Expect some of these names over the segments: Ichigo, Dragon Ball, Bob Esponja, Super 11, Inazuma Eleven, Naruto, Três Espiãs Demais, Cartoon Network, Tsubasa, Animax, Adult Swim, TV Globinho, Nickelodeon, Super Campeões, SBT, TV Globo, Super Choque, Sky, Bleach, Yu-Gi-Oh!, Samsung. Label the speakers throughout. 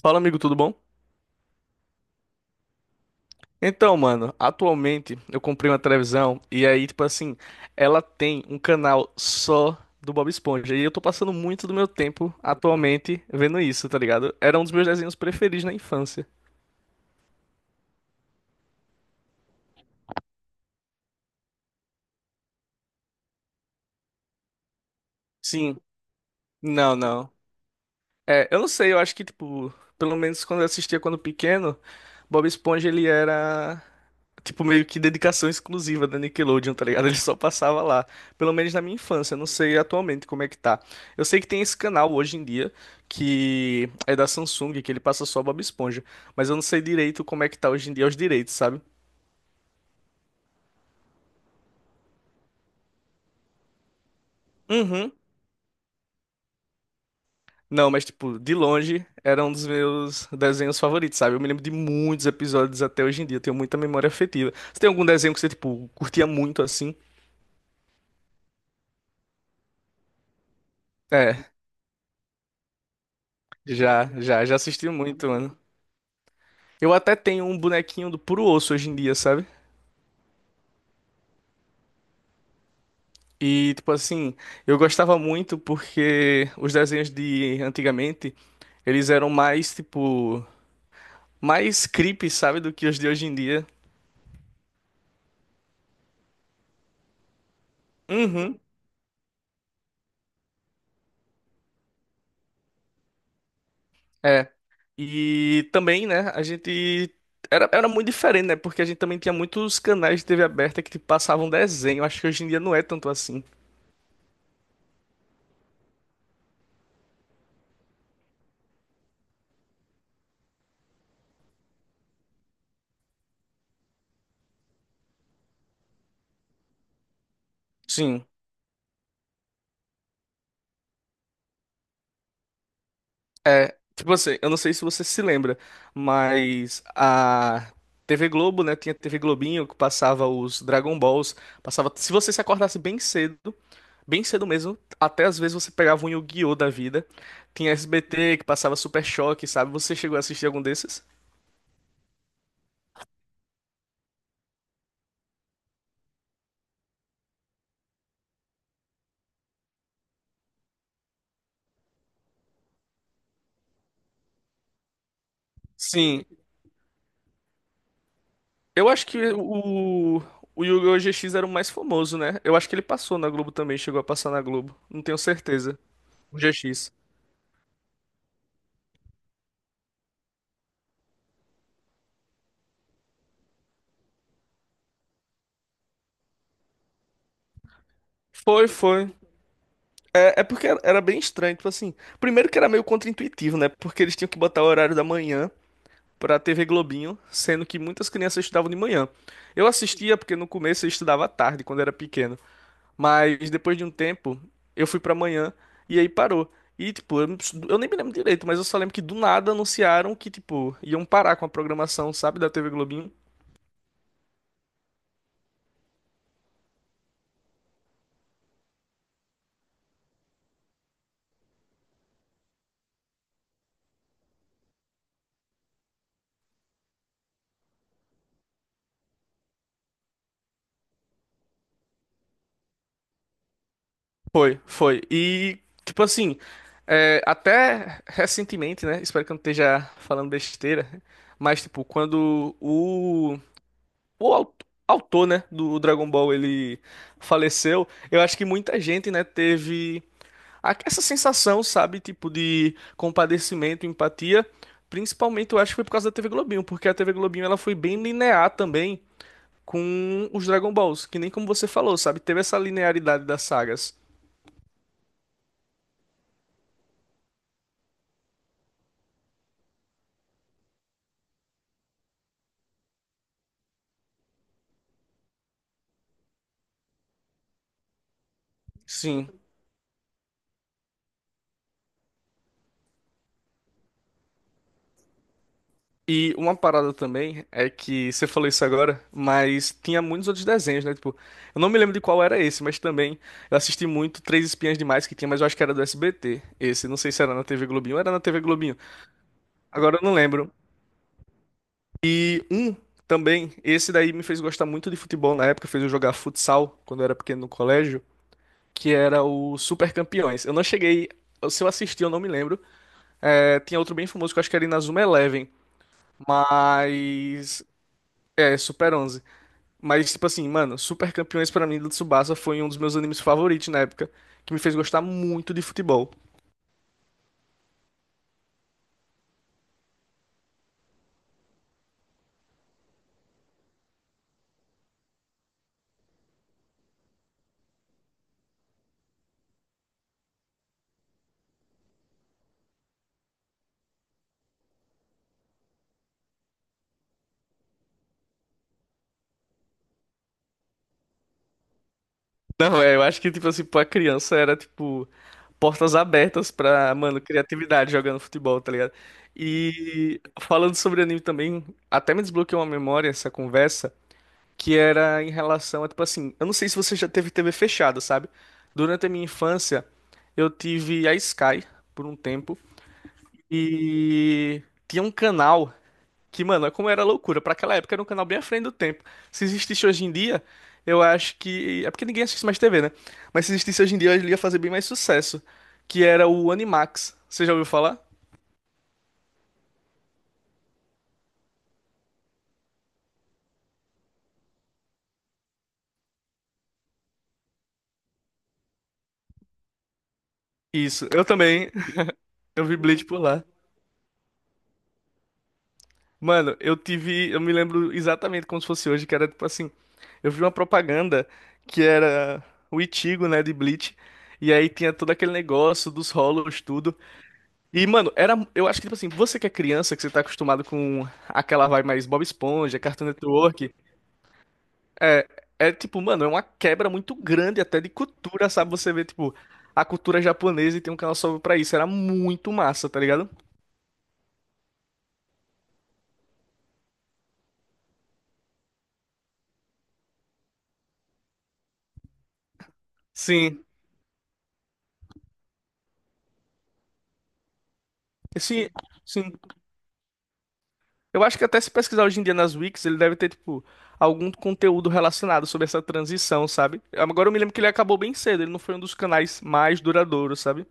Speaker 1: Fala, amigo, tudo bom? Então, mano, atualmente eu comprei uma televisão e aí, tipo assim, ela tem um canal só do Bob Esponja e eu tô passando muito do meu tempo atualmente vendo isso, tá ligado? Era um dos meus desenhos preferidos na infância. Sim, não, não. É, eu não sei, eu acho que, tipo, pelo menos quando eu assistia quando pequeno, Bob Esponja ele era, tipo, meio que dedicação exclusiva da Nickelodeon, tá ligado? Ele só passava lá, pelo menos na minha infância, eu não sei atualmente como é que tá. Eu sei que tem esse canal hoje em dia, que é da Samsung, que ele passa só Bob Esponja, mas eu não sei direito como é que tá hoje em dia os direitos, sabe? Uhum. Não, mas tipo, de longe era um dos meus desenhos favoritos, sabe? Eu me lembro de muitos episódios até hoje em dia, eu tenho muita memória afetiva. Você tem algum desenho que você, tipo, curtia muito assim? É, já, já, já assisti muito, mano. Eu até tenho um bonequinho do puro osso hoje em dia, sabe? E, tipo assim, eu gostava muito porque os desenhos de antigamente, eles eram mais, tipo, mais creepy, sabe, do que os de hoje em dia. Uhum. É. E também, né, a gente era muito diferente, né? Porque a gente também tinha muitos canais de TV aberta que tipo, passavam desenho. Acho que hoje em dia não é tanto assim. Sim, é. Tipo assim, eu não sei se você se lembra, mas a TV Globo, né, tinha TV Globinho que passava os Dragon Balls, passava, se você se acordasse bem cedo mesmo, até às vezes você pegava um Yu-Gi-Oh da vida. Tinha SBT que passava Super Choque, sabe? Você chegou a assistir algum desses? Sim. Eu acho que o Yu-Gi-Oh! GX era o mais famoso, né? Eu acho que ele passou na Globo também, chegou a passar na Globo. Não tenho certeza. O GX. Foi, foi. É porque era bem estranho, tipo assim. Primeiro que era meio contraintuitivo, né? Porque eles tinham que botar o horário da manhã pra TV Globinho, sendo que muitas crianças estudavam de manhã. Eu assistia porque no começo eu estudava à tarde, quando era pequeno. Mas depois de um tempo, eu fui pra manhã e aí parou. E, tipo, eu nem me lembro direito, mas eu só lembro que do nada anunciaram que, tipo, iam parar com a programação, sabe, da TV Globinho. Foi, foi. E, tipo assim, é, até recentemente, né? Espero que eu não esteja falando besteira, mas, tipo, quando o autor, né, do Dragon Ball ele faleceu, eu acho que muita gente, né, teve essa sensação, sabe, tipo de compadecimento, empatia, principalmente eu acho que foi por causa da TV Globinho, porque a TV Globinho ela foi bem linear também com os Dragon Balls, que nem como você falou, sabe, teve essa linearidade das sagas. Sim. E uma parada também é que você falou isso agora, mas tinha muitos outros desenhos, né? Tipo, eu não me lembro de qual era esse, mas também eu assisti muito Três Espiãs Demais que tinha, mas eu acho que era do SBT. Esse, não sei se era na TV Globinho, ou era na TV Globinho. Agora eu não lembro. Um também, esse daí me fez gostar muito de futebol na época, fez eu jogar futsal quando eu era pequeno no colégio, que era o Super Campeões. Eu não cheguei, se eu assisti eu não me lembro. É, tinha outro bem famoso que eu acho que era Inazuma Eleven, mas é Super 11. Mas tipo assim, mano, Super Campeões pra mim do Tsubasa foi um dos meus animes favoritos na época, que me fez gostar muito de futebol. Não, é, eu acho que, tipo assim, pra criança era, tipo, portas abertas pra, mano, criatividade jogando futebol, tá ligado? E falando sobre anime também, até me desbloqueou uma memória essa conversa, que era em relação a, tipo assim, eu não sei se você já teve TV fechada, sabe? Durante a minha infância, eu tive a Sky por um tempo e tinha um canal que, mano, é como era loucura. Pra aquela época era um canal bem à frente do tempo. Se existisse hoje em dia, eu acho que. É porque ninguém assiste mais TV, né? Mas se existisse hoje em dia, ele ia fazer bem mais sucesso. Que era o Animax. Você já ouviu falar? Isso, eu também. Eu vi Bleach por lá. Mano, eu tive. Eu me lembro exatamente como se fosse hoje, que era tipo assim. Eu vi uma propaganda que era o Ichigo, né, de Bleach. E aí tinha todo aquele negócio dos rolos, tudo. E, mano, era. Eu acho que, tipo assim, você que é criança, que você tá acostumado com aquela vibe mais Bob Esponja, Cartoon Network, é, é tipo, mano, é uma quebra muito grande até de cultura, sabe? Você vê, tipo, a cultura japonesa e tem um canal só pra isso. Era muito massa, tá ligado? Sim. Sim, sim. Eu acho que até se pesquisar hoje em dia nas wikis, ele deve ter, tipo, algum conteúdo relacionado sobre essa transição, sabe? Agora eu me lembro que ele acabou bem cedo, ele não foi um dos canais mais duradouros, sabe?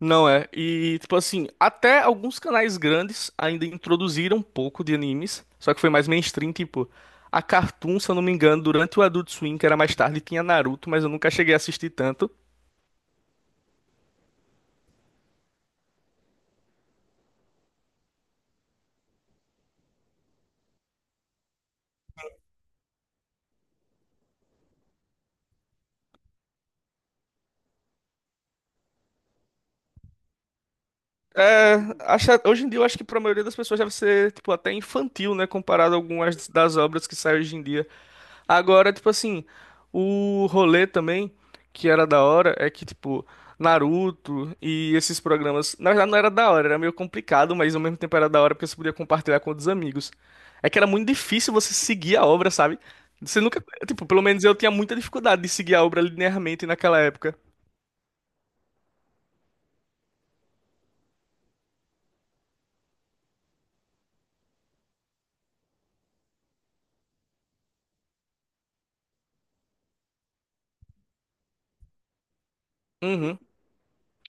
Speaker 1: Não é. E, tipo assim, até alguns canais grandes ainda introduziram um pouco de animes, só que foi mais mainstream, tipo, a Cartoon, se eu não me engano, durante o Adult Swim, que era mais tarde, tinha Naruto, mas eu nunca cheguei a assistir tanto. É, hoje em dia eu acho que pra maioria das pessoas deve ser, tipo, até infantil, né, comparado a algumas das obras que saem hoje em dia. Agora, tipo assim, o rolê também, que era da hora, é que, tipo, Naruto e esses programas. Na verdade, não era da hora, era meio complicado, mas ao mesmo tempo era da hora porque você podia compartilhar com outros amigos. É que era muito difícil você seguir a obra, sabe? Você nunca. Tipo, pelo menos eu tinha muita dificuldade de seguir a obra linearmente naquela época. Uhum.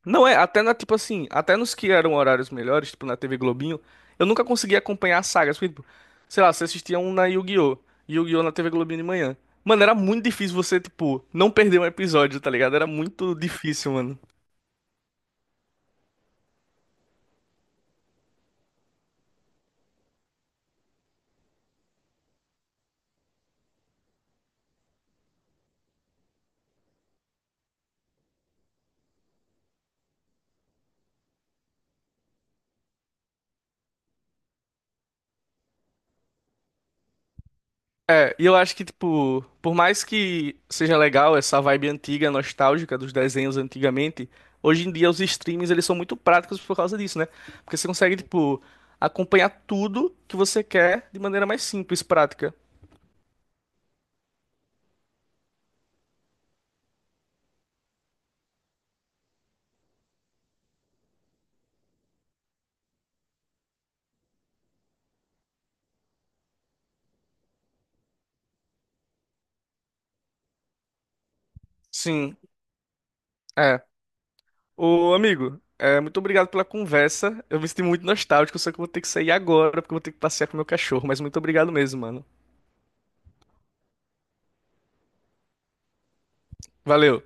Speaker 1: Não é, até na, tipo assim, até nos que eram horários melhores, tipo na TV Globinho, eu nunca conseguia acompanhar as sagas, porque, tipo, sei lá, você assistia um na Yu-Gi-Oh! Yu-Gi-Oh! Na TV Globinho de manhã. Mano, era muito difícil você, tipo, não perder um episódio, tá ligado? Era muito difícil, mano. É, e eu acho que, tipo, por mais que seja legal essa vibe antiga, nostálgica dos desenhos antigamente, hoje em dia os streams, eles são muito práticos por causa disso, né? Porque você consegue, tipo, acompanhar tudo que você quer de maneira mais simples, prática. Sim, é. Ô, amigo, é, muito obrigado pela conversa. Eu me senti muito nostálgico, só que eu vou ter que sair agora, porque eu vou ter que passear com meu cachorro. Mas muito obrigado mesmo, mano. Valeu.